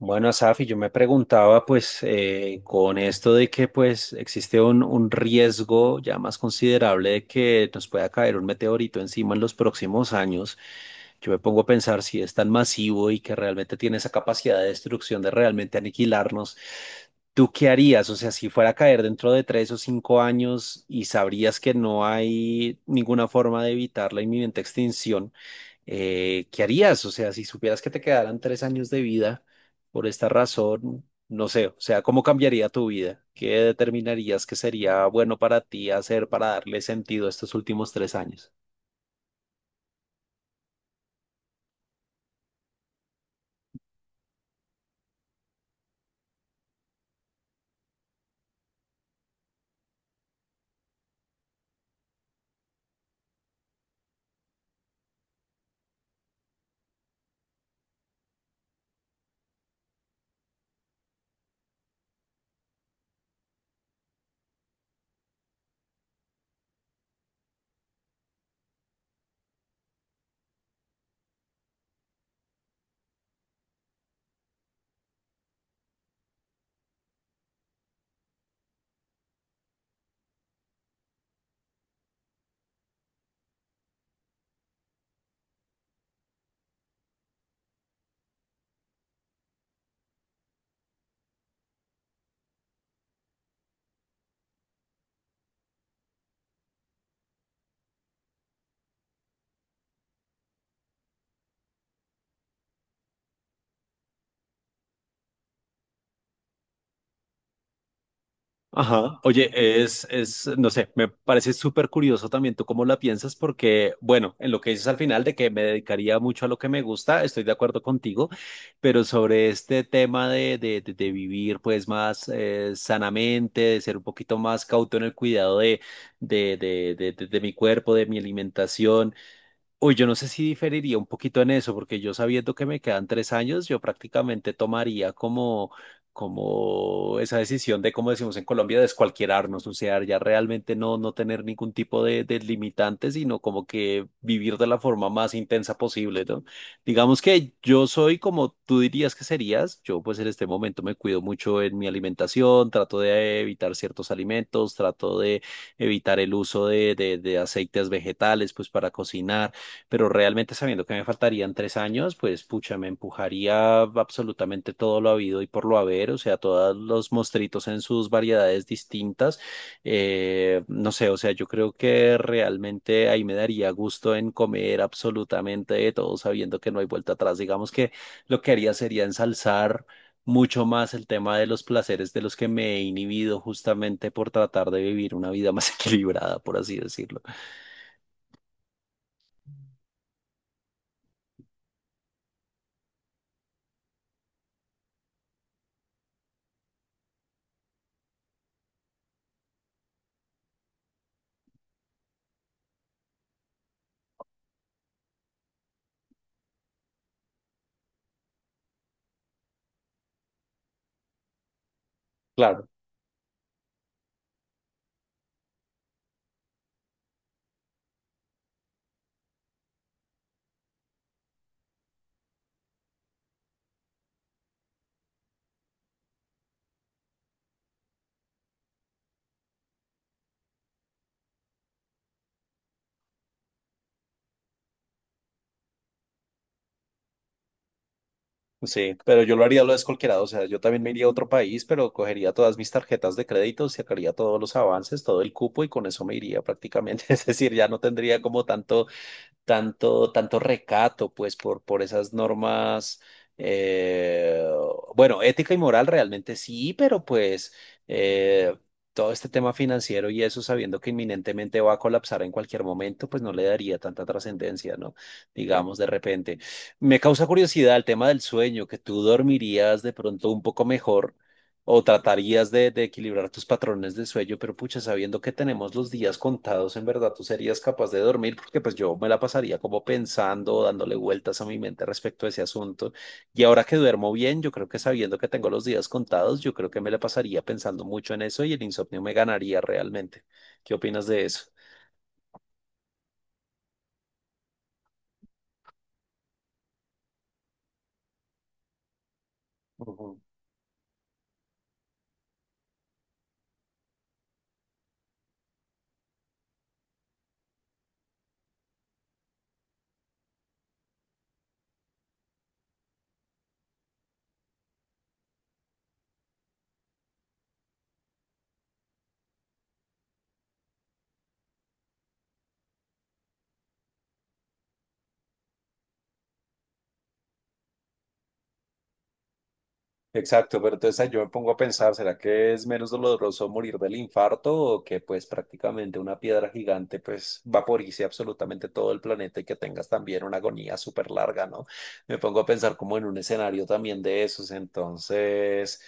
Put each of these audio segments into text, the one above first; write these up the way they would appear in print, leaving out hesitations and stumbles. Bueno, Safi, yo me preguntaba, pues, con esto de que, pues, existe un riesgo ya más considerable de que nos pueda caer un meteorito encima en los próximos años, yo me pongo a pensar si es tan masivo y que realmente tiene esa capacidad de destrucción de realmente aniquilarnos, ¿tú qué harías? O sea, si fuera a caer dentro de tres o cinco años y sabrías que no hay ninguna forma de evitar la inminente extinción ¿qué harías? O sea, si supieras que te quedaran tres años de vida por esta razón, no sé, o sea, ¿cómo cambiaría tu vida? ¿Qué determinarías que sería bueno para ti hacer para darle sentido a estos últimos tres años? Ajá, oye, no sé, me parece súper curioso también tú cómo la piensas, porque, bueno, en lo que dices al final de que me dedicaría mucho a lo que me gusta, estoy de acuerdo contigo, pero sobre este tema de vivir pues más sanamente, de ser un poquito más cauto en el cuidado de mi cuerpo, de mi alimentación. Uy, yo no sé si diferiría un poquito en eso, porque yo sabiendo que me quedan tres años, yo prácticamente tomaría como, como esa decisión de, como decimos en Colombia, descualquierarnos, o sea, ya realmente no, no tener ningún tipo de limitante, sino como que vivir de la forma más intensa posible, ¿no? Digamos que yo soy como tú dirías que serías, yo pues en este momento me cuido mucho en mi alimentación, trato de evitar ciertos alimentos, trato de evitar el uso de aceites vegetales, pues para cocinar, pero realmente sabiendo que me faltarían tres años, pues pucha, me empujaría absolutamente todo lo habido y por lo haber, o sea, todos los mostritos en sus variedades distintas. No sé, o sea, yo creo que realmente ahí me daría gusto en comer absolutamente de todo, sabiendo que no hay vuelta atrás. Digamos que lo que haría sería ensalzar mucho más el tema de los placeres de los que me he inhibido justamente por tratar de vivir una vida más equilibrada, por así decirlo. Claro, sí, pero yo lo haría lo descolquerado, o sea, yo también me iría a otro país, pero cogería todas mis tarjetas de crédito, sacaría todos los avances, todo el cupo y con eso me iría prácticamente, es decir, ya no tendría como tanto tanto recato, pues, por esas normas, eh, bueno, ética y moral realmente sí, pero pues eh, todo este tema financiero y eso, sabiendo que inminentemente va a colapsar en cualquier momento, pues no le daría tanta trascendencia, ¿no? Digamos, de repente. Me causa curiosidad el tema del sueño, que tú dormirías de pronto un poco mejor o tratarías de equilibrar tus patrones de sueño, pero pucha, sabiendo que tenemos los días contados, en verdad tú serías capaz de dormir, porque pues yo me la pasaría como pensando, dándole vueltas a mi mente respecto a ese asunto. Y ahora que duermo bien, yo creo que sabiendo que tengo los días contados, yo creo que me la pasaría pensando mucho en eso y el insomnio me ganaría realmente. ¿Qué opinas de eso? Ujú. Exacto, pero entonces ahí yo me pongo a pensar, ¿será que es menos doloroso morir del infarto o que pues prácticamente una piedra gigante pues vaporice absolutamente todo el planeta y que tengas también una agonía súper larga, ¿no? Me pongo a pensar como en un escenario también de esos, entonces,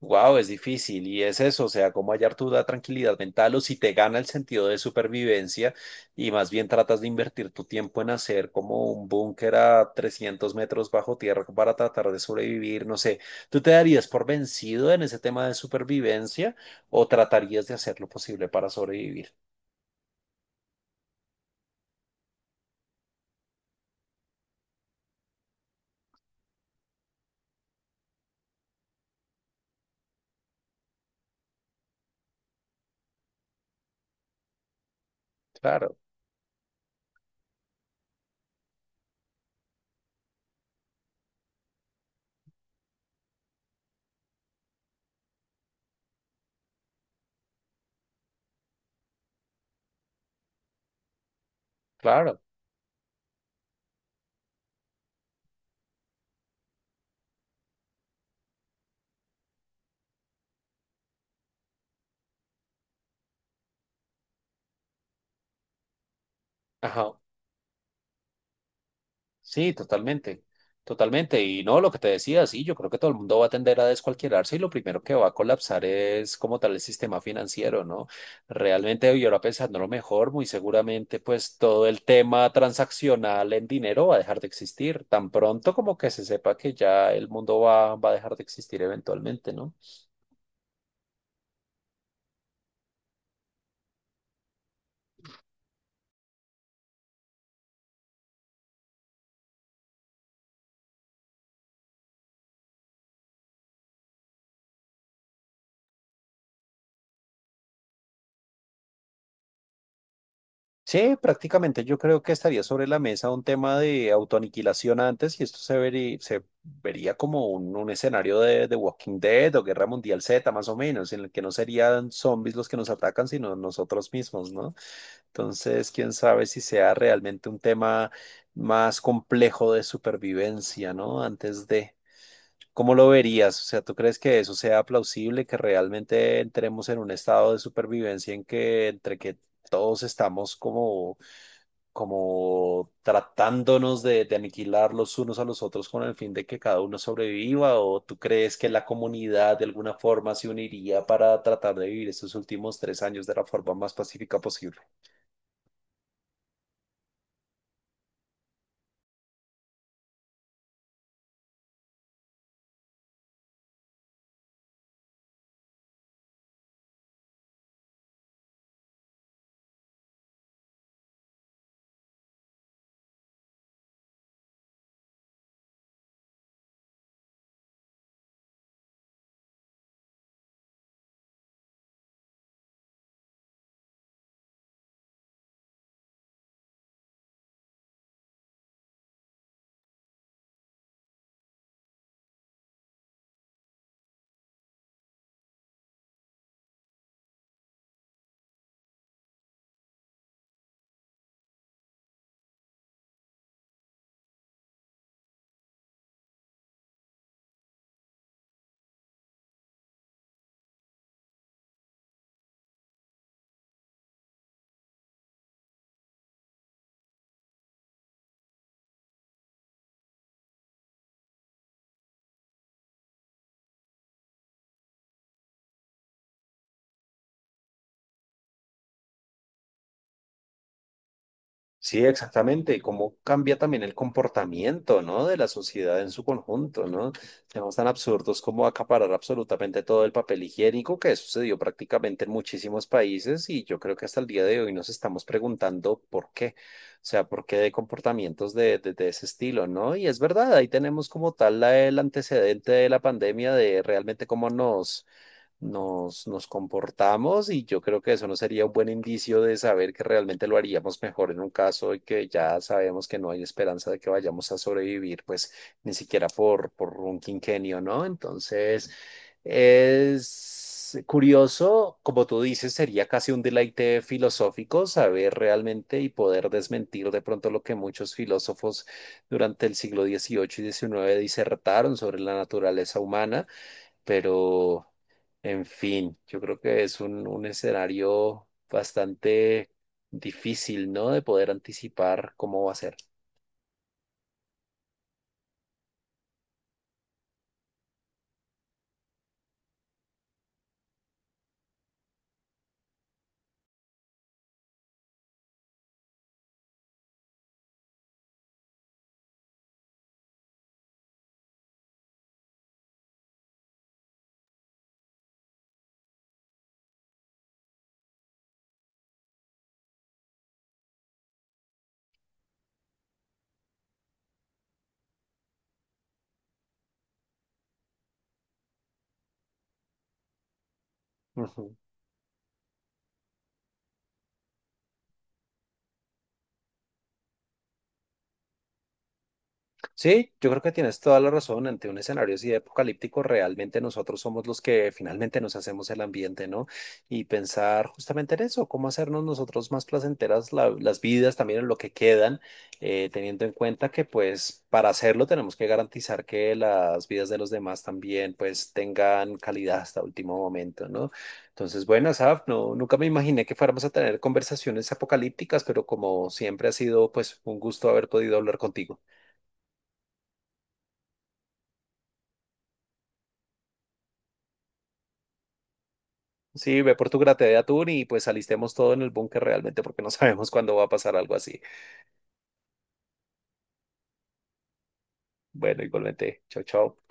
wow, es difícil y es eso, o sea, cómo hallar tu tranquilidad mental o si te gana el sentido de supervivencia y más bien tratas de invertir tu tiempo en hacer como un búnker a 300 metros bajo tierra para tratar de sobrevivir, no sé. ¿Tú te darías por vencido en ese tema de supervivencia o tratarías de hacer lo posible para sobrevivir? Claro, claro. Ajá. Sí, totalmente. Totalmente. Y no, lo que te decía, sí, yo creo que todo el mundo va a tender a descualquierarse y lo primero que va a colapsar es como tal el sistema financiero, ¿no? Realmente yo ahora pensando lo mejor, muy seguramente pues todo el tema transaccional en dinero va a dejar de existir tan pronto como que se sepa que ya el mundo va, va a dejar de existir eventualmente, ¿no? Sí, prácticamente yo creo que estaría sobre la mesa un tema de autoaniquilación antes y esto se vería como un escenario de Walking Dead o Guerra Mundial Z, más o menos, en el que no serían zombies los que nos atacan, sino nosotros mismos, ¿no? Entonces, quién sabe si sea realmente un tema más complejo de supervivencia, ¿no? Antes de... ¿Cómo lo verías? O sea, ¿tú crees que eso sea plausible, que realmente entremos en un estado de supervivencia en que entre que todos estamos como, como tratándonos de aniquilar los unos a los otros con el fin de que cada uno sobreviva? ¿O tú crees que la comunidad de alguna forma se uniría para tratar de vivir estos últimos tres años de la forma más pacífica posible? Sí, exactamente. Y cómo cambia también el comportamiento, ¿no? De la sociedad en su conjunto, ¿no? Temas tan absurdos como acaparar absolutamente todo el papel higiénico que sucedió prácticamente en muchísimos países y yo creo que hasta el día de hoy nos estamos preguntando por qué. O sea, por qué de comportamientos de ese estilo, ¿no? Y es verdad, ahí tenemos como tal el antecedente de la pandemia de realmente cómo nos nos comportamos y yo creo que eso no sería un buen indicio de saber que realmente lo haríamos mejor en un caso y que ya sabemos que no hay esperanza de que vayamos a sobrevivir, pues ni siquiera por un quinquenio, ¿no? Entonces, es curioso, como tú dices, sería casi un deleite filosófico saber realmente y poder desmentir de pronto lo que muchos filósofos durante el siglo XVIII y XIX disertaron sobre la naturaleza humana, pero... En fin, yo creo que es un escenario bastante difícil, ¿no? De poder anticipar cómo va a ser. Ujú. Sí, yo creo que tienes toda la razón. Ante un escenario así de apocalíptico, realmente nosotros somos los que finalmente nos hacemos el ambiente, ¿no? Y pensar justamente en eso, cómo hacernos nosotros más placenteras las vidas, también en lo que quedan, teniendo en cuenta que pues para hacerlo tenemos que garantizar que las vidas de los demás también pues tengan calidad hasta último momento, ¿no? Entonces, bueno, Asaf, no, nunca me imaginé que fuéramos a tener conversaciones apocalípticas, pero como siempre ha sido pues un gusto haber podido hablar contigo. Sí, ve por tu grate de atún y pues alistemos todo en el búnker realmente porque no sabemos cuándo va a pasar algo así. Bueno, igualmente, chao, chao.